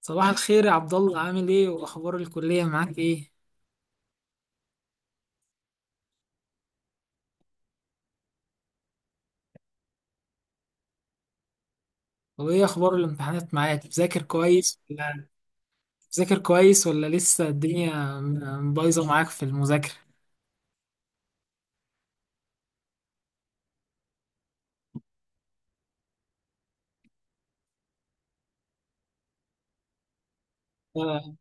صباح الخير يا عبد الله، عامل ايه؟ واخبار الكلية معاك ايه؟ وايه اخبار الامتحانات معاك؟ بتذاكر كويس ولا لسه الدنيا بايظة معاك في المذاكرة؟ اه.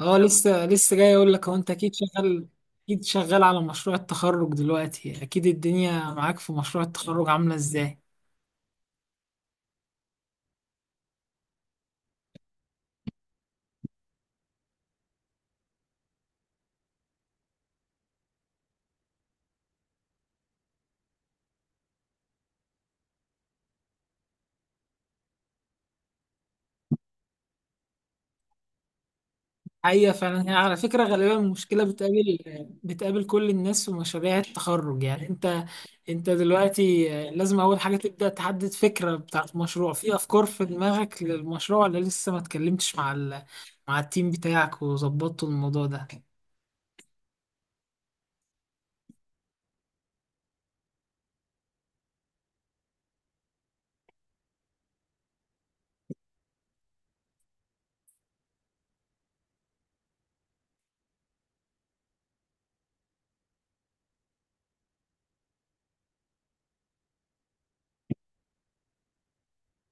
لسه جاي اقول لك، هو انت اكيد شغال على مشروع التخرج دلوقتي. اكيد الدنيا معاك في مشروع التخرج عاملة ازاي؟ حقيقة فعلا، هي على فكرة غالبا المشكلة بتقابل كل الناس في مشاريع التخرج. يعني انت دلوقتي لازم اول حاجة تبدأ تحدد فكرة بتاعت مشروع. في افكار في دماغك للمشروع، ولا لسه ما اتكلمتش مع مع التيم بتاعك وظبطتوا الموضوع ده؟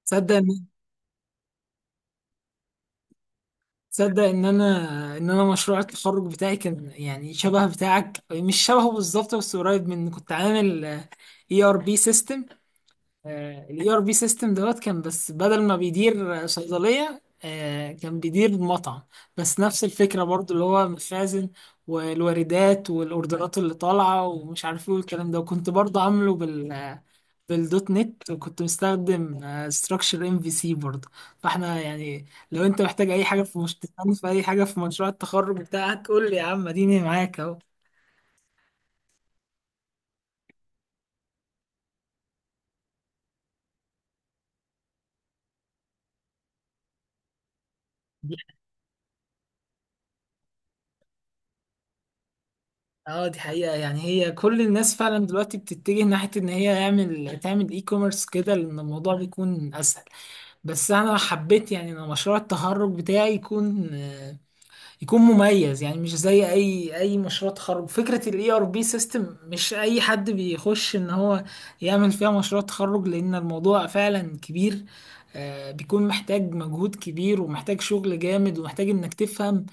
تصدق ان تصدق ان انا مشروع التخرج بتاعي كان يعني شبه بتاعك، مش شبهه بالظبط بس قريب منه. كنت عامل اي ار بي سيستم. الاي ار بي سيستم دوت كان، بس بدل ما بيدير صيدليه كان بيدير مطعم. بس نفس الفكره برضو، اللي هو مخازن والواردات والاوردرات اللي طالعه ومش عارف ايه والكلام ده، وكنت برضو عامله بالدوت نت، وكنت مستخدم ستراكشر ام في سي برضه. فاحنا يعني لو انت محتاج اي حاجه في مش في اي حاجه في مشروع التخرج بتاعك قول لي يا عم، اديني معاك اهو. اه، دي حقيقة. يعني هي كل الناس فعلا دلوقتي بتتجه ناحية ان هي تعمل اي كوميرس كده، لان الموضوع بيكون اسهل. بس انا حبيت يعني ان مشروع التخرج بتاعي يكون مميز، يعني مش زي اي مشروع تخرج. فكره الاي ار بي سيستم مش اي حد بيخش ان هو يعمل فيها مشروع تخرج، لان الموضوع فعلا كبير. بيكون محتاج مجهود كبير، ومحتاج شغل جامد، ومحتاج انك تفهم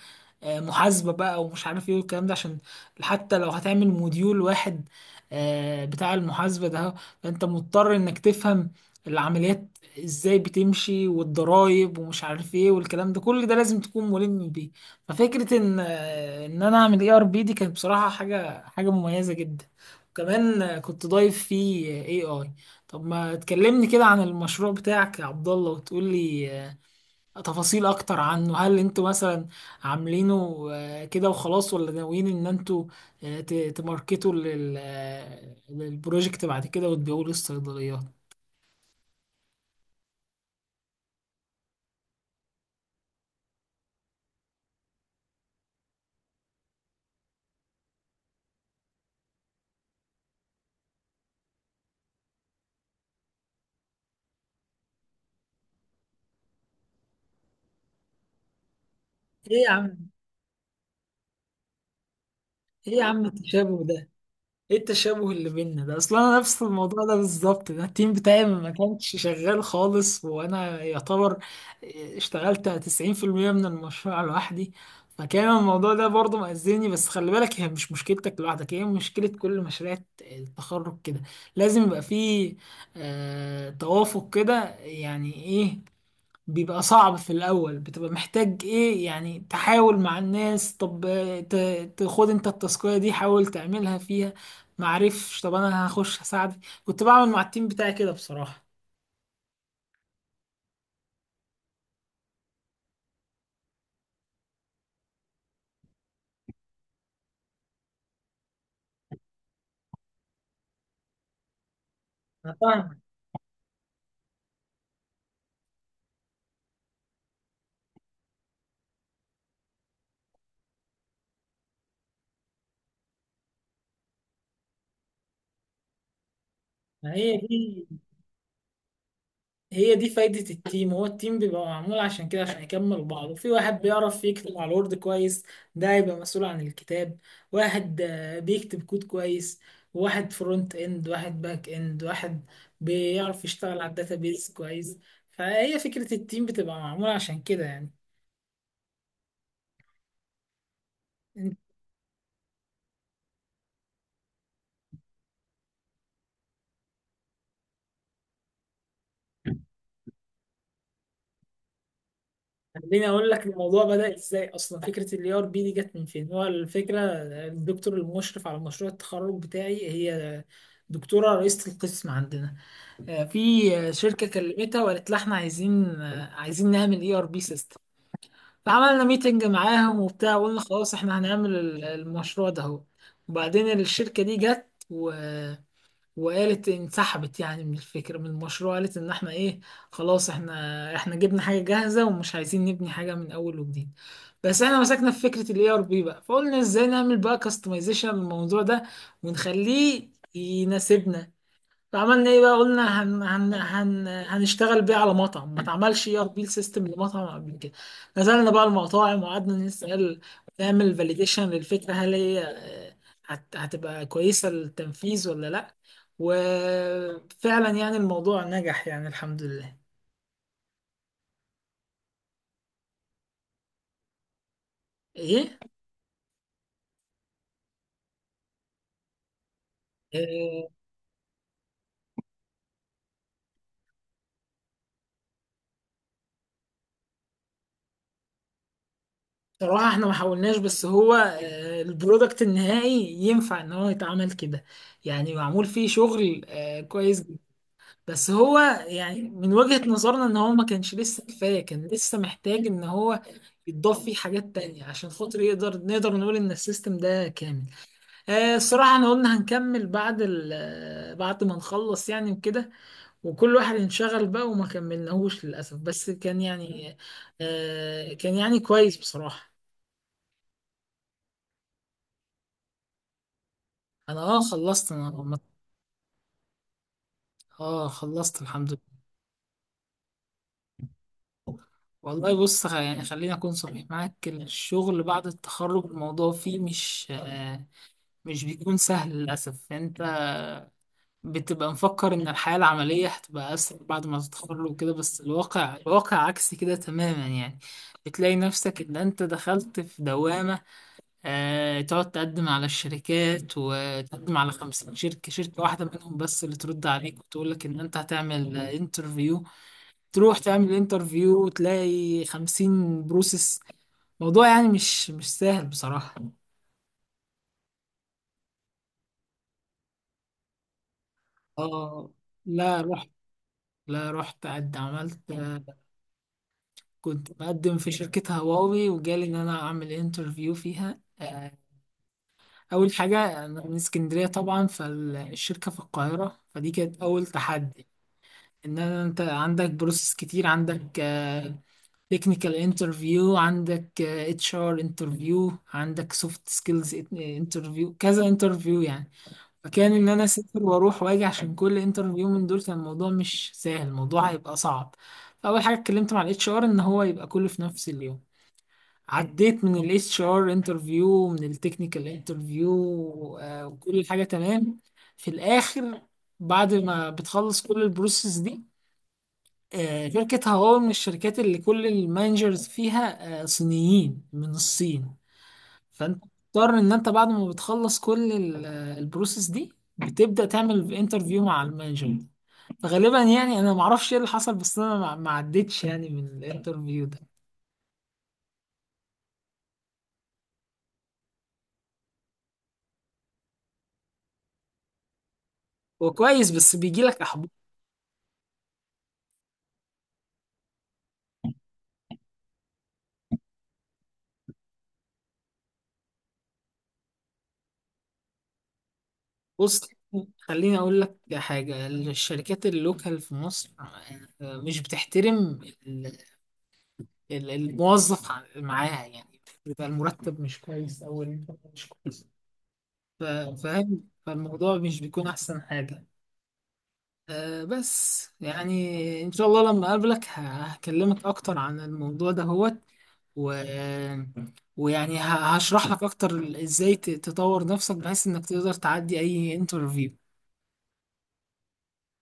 محاسبه بقى ومش عارف ايه والكلام ده. عشان حتى لو هتعمل موديول واحد بتاع المحاسبه ده، فانت مضطر انك تفهم العمليات ازاي بتمشي، والضرايب ومش عارف ايه والكلام ده. كل ده لازم تكون ملم بيه. ففكرة ان انا اعمل اي ار بي دي كانت بصراحة حاجة حاجة مميزة جدا. وكمان كنت ضايف فيه. اي اي طب ما تكلمني كده عن المشروع بتاعك يا عبد الله، وتقول لي تفاصيل اكتر عنه. هل انتوا مثلا عاملينه كده وخلاص، ولا ناويين ان انتوا تماركتوا للبروجكت بعد كده وتبيعوه للصيدليات؟ ايه يا عم ايه يا عم، التشابه ده! ايه التشابه اللي بيننا ده؟ اصلا انا نفس الموضوع ده بالظبط. ده التيم بتاعي ما كانش شغال خالص، وانا يعتبر اشتغلت 90% من المشروع لوحدي. فكان الموضوع ده برضه مأذيني. بس خلي بالك، هي مش مشكلتك لوحدك، هي مشكلة كل مشاريع التخرج كده. لازم يبقى فيه توافق كده. يعني ايه؟ بيبقى صعب في الأول، بتبقى محتاج إيه؟ يعني تحاول مع الناس. طب تاخد أنت التاسكية دي، حاول تعملها فيها، معرفش، طب أنا هخش هساعدك. كنت بعمل مع التيم بتاعي كده بصراحة. أنا فاهمك. ما هي دي فايدة التيم. هو التيم بيبقى معمول عشان كده، عشان يكمل بعض. وفي واحد بيعرف يكتب على الوورد كويس، ده هيبقى مسؤول عن الكتاب. واحد بيكتب كود كويس، واحد فرونت اند، واحد باك اند، واحد بيعرف يشتغل على الداتابيز كويس. فهي فكرة التيم بتبقى معمولة عشان كده يعني. انت- خليني اقول لك الموضوع بدأ ازاي اصلا. فكرة الاي ار بي دي جت من فين؟ هو الفكرة الدكتور المشرف على مشروع التخرج بتاعي، هي دكتورة رئيسة القسم عندنا، في شركة كلمتها وقالت لها احنا عايزين نعمل اي ار بي سيستم. فعملنا ميتنج معاهم وبتاع، وقلنا خلاص احنا هنعمل المشروع ده اهو. وبعدين الشركة دي جت وقالت انسحبت يعني من الفكرة، من المشروع. قالت ان احنا ايه، خلاص احنا جبنا حاجة جاهزة ومش عايزين نبني حاجة من اول وجديد. بس احنا مسكنا في فكرة الاي ار بي بقى، فقلنا ازاي نعمل بقى كاستمايزيشن للموضوع ده ونخليه يناسبنا. فعملنا ايه بقى؟ قلنا هن هن هن هنشتغل بيه على مطعم. ما اتعملش اي ار بي سيستم لمطعم قبل كده. نزلنا بقى المطاعم وقعدنا نسأل، نعمل فاليديشن للفكرة، هل هي آه، هت هتبقى كويسة للتنفيذ ولا لا. وفعلا يعني الموضوع نجح يعني، الحمد لله. ايه. آه، بصراحة احنا ما حاولناش، بس هو البرودكت النهائي ينفع ان هو يتعمل كده. يعني معمول فيه شغل كويس. بس هو يعني، من وجهة نظرنا ان هو ما كانش لسه كفاية، كان لسه محتاج ان هو يتضاف فيه حاجات تانية عشان خاطر نقدر نقول ان السيستم ده كامل. الصراحة احنا قلنا هنكمل بعد ال آه، بعد ما نخلص يعني، وكده، وكل واحد انشغل بقى وما كملناهوش للأسف. بس كان يعني كويس بصراحة. انا اه خلصت. انا اه خلصت الحمد لله. والله بص، يعني خليني اكون صريح معاك. الشغل بعد التخرج الموضوع فيه مش بيكون سهل للأسف. أنت بتبقى مفكر إن الحياة العملية هتبقى أسهل بعد ما تتخرج وكده، بس الواقع عكس كده تماما يعني. بتلاقي نفسك إن أنت دخلت في دوامة. تقعد تقدم على الشركات، وتقدم على 50 شركة، شركة واحدة منهم بس اللي ترد عليك وتقول لك إن أنت هتعمل انترفيو. تروح تعمل انترفيو وتلاقي 50 بروسيس. موضوع يعني مش سهل بصراحة. اه. لا روح لا رحت، قد عملت. كنت بقدم في شركة هواوي، وجالي إن أنا أعمل انترفيو فيها. أول حاجة، أنا من اسكندرية طبعا، فالشركة في القاهرة، فدي كانت أول تحدي. إن أنا أنت عندك بروسيس كتير، عندك تكنيكال انترفيو، عندك اتش ار انترفيو، عندك سوفت سكيلز انترفيو، كذا انترفيو يعني. فكان ان انا اسافر واروح واجي، عشان كل انترفيو من دول كان الموضوع مش سهل، الموضوع هيبقى صعب. فاول حاجه اتكلمت مع الاتش ار ان هو يبقى كله في نفس اليوم. عديت من الاتش ار انترفيو، من التكنيكال انترفيو، وكل حاجه تمام. في الاخر، بعد ما بتخلص كل البروسيس دي، شركة هواوي من الشركات اللي كل المانجرز فيها صينيين من الصين. فانت بتضطر ان انت بعد ما بتخلص كل البروسيس دي، بتبدا تعمل انترفيو مع المانجر. فغالبا يعني انا ما اعرفش ايه اللي حصل، بس انا ما عدتش يعني من الانترفيو ده. هو كويس بس بيجي لك احباط. بص خليني اقول لك حاجه، الشركات اللوكال في مصر مش بتحترم ال- الموظف معاها يعني. بيبقى المرتب مش كويس او الانترفيو مش كويس. ف- فاهم؟ فالموضوع مش بيكون احسن حاجه. بس يعني ان شاء الله لما اقابلك هكلمك اكتر عن الموضوع ده هوت و... ويعني هشرح لك اكتر ازاي تطور نفسك، بحيث انك تقدر تعدي اي انترفيو.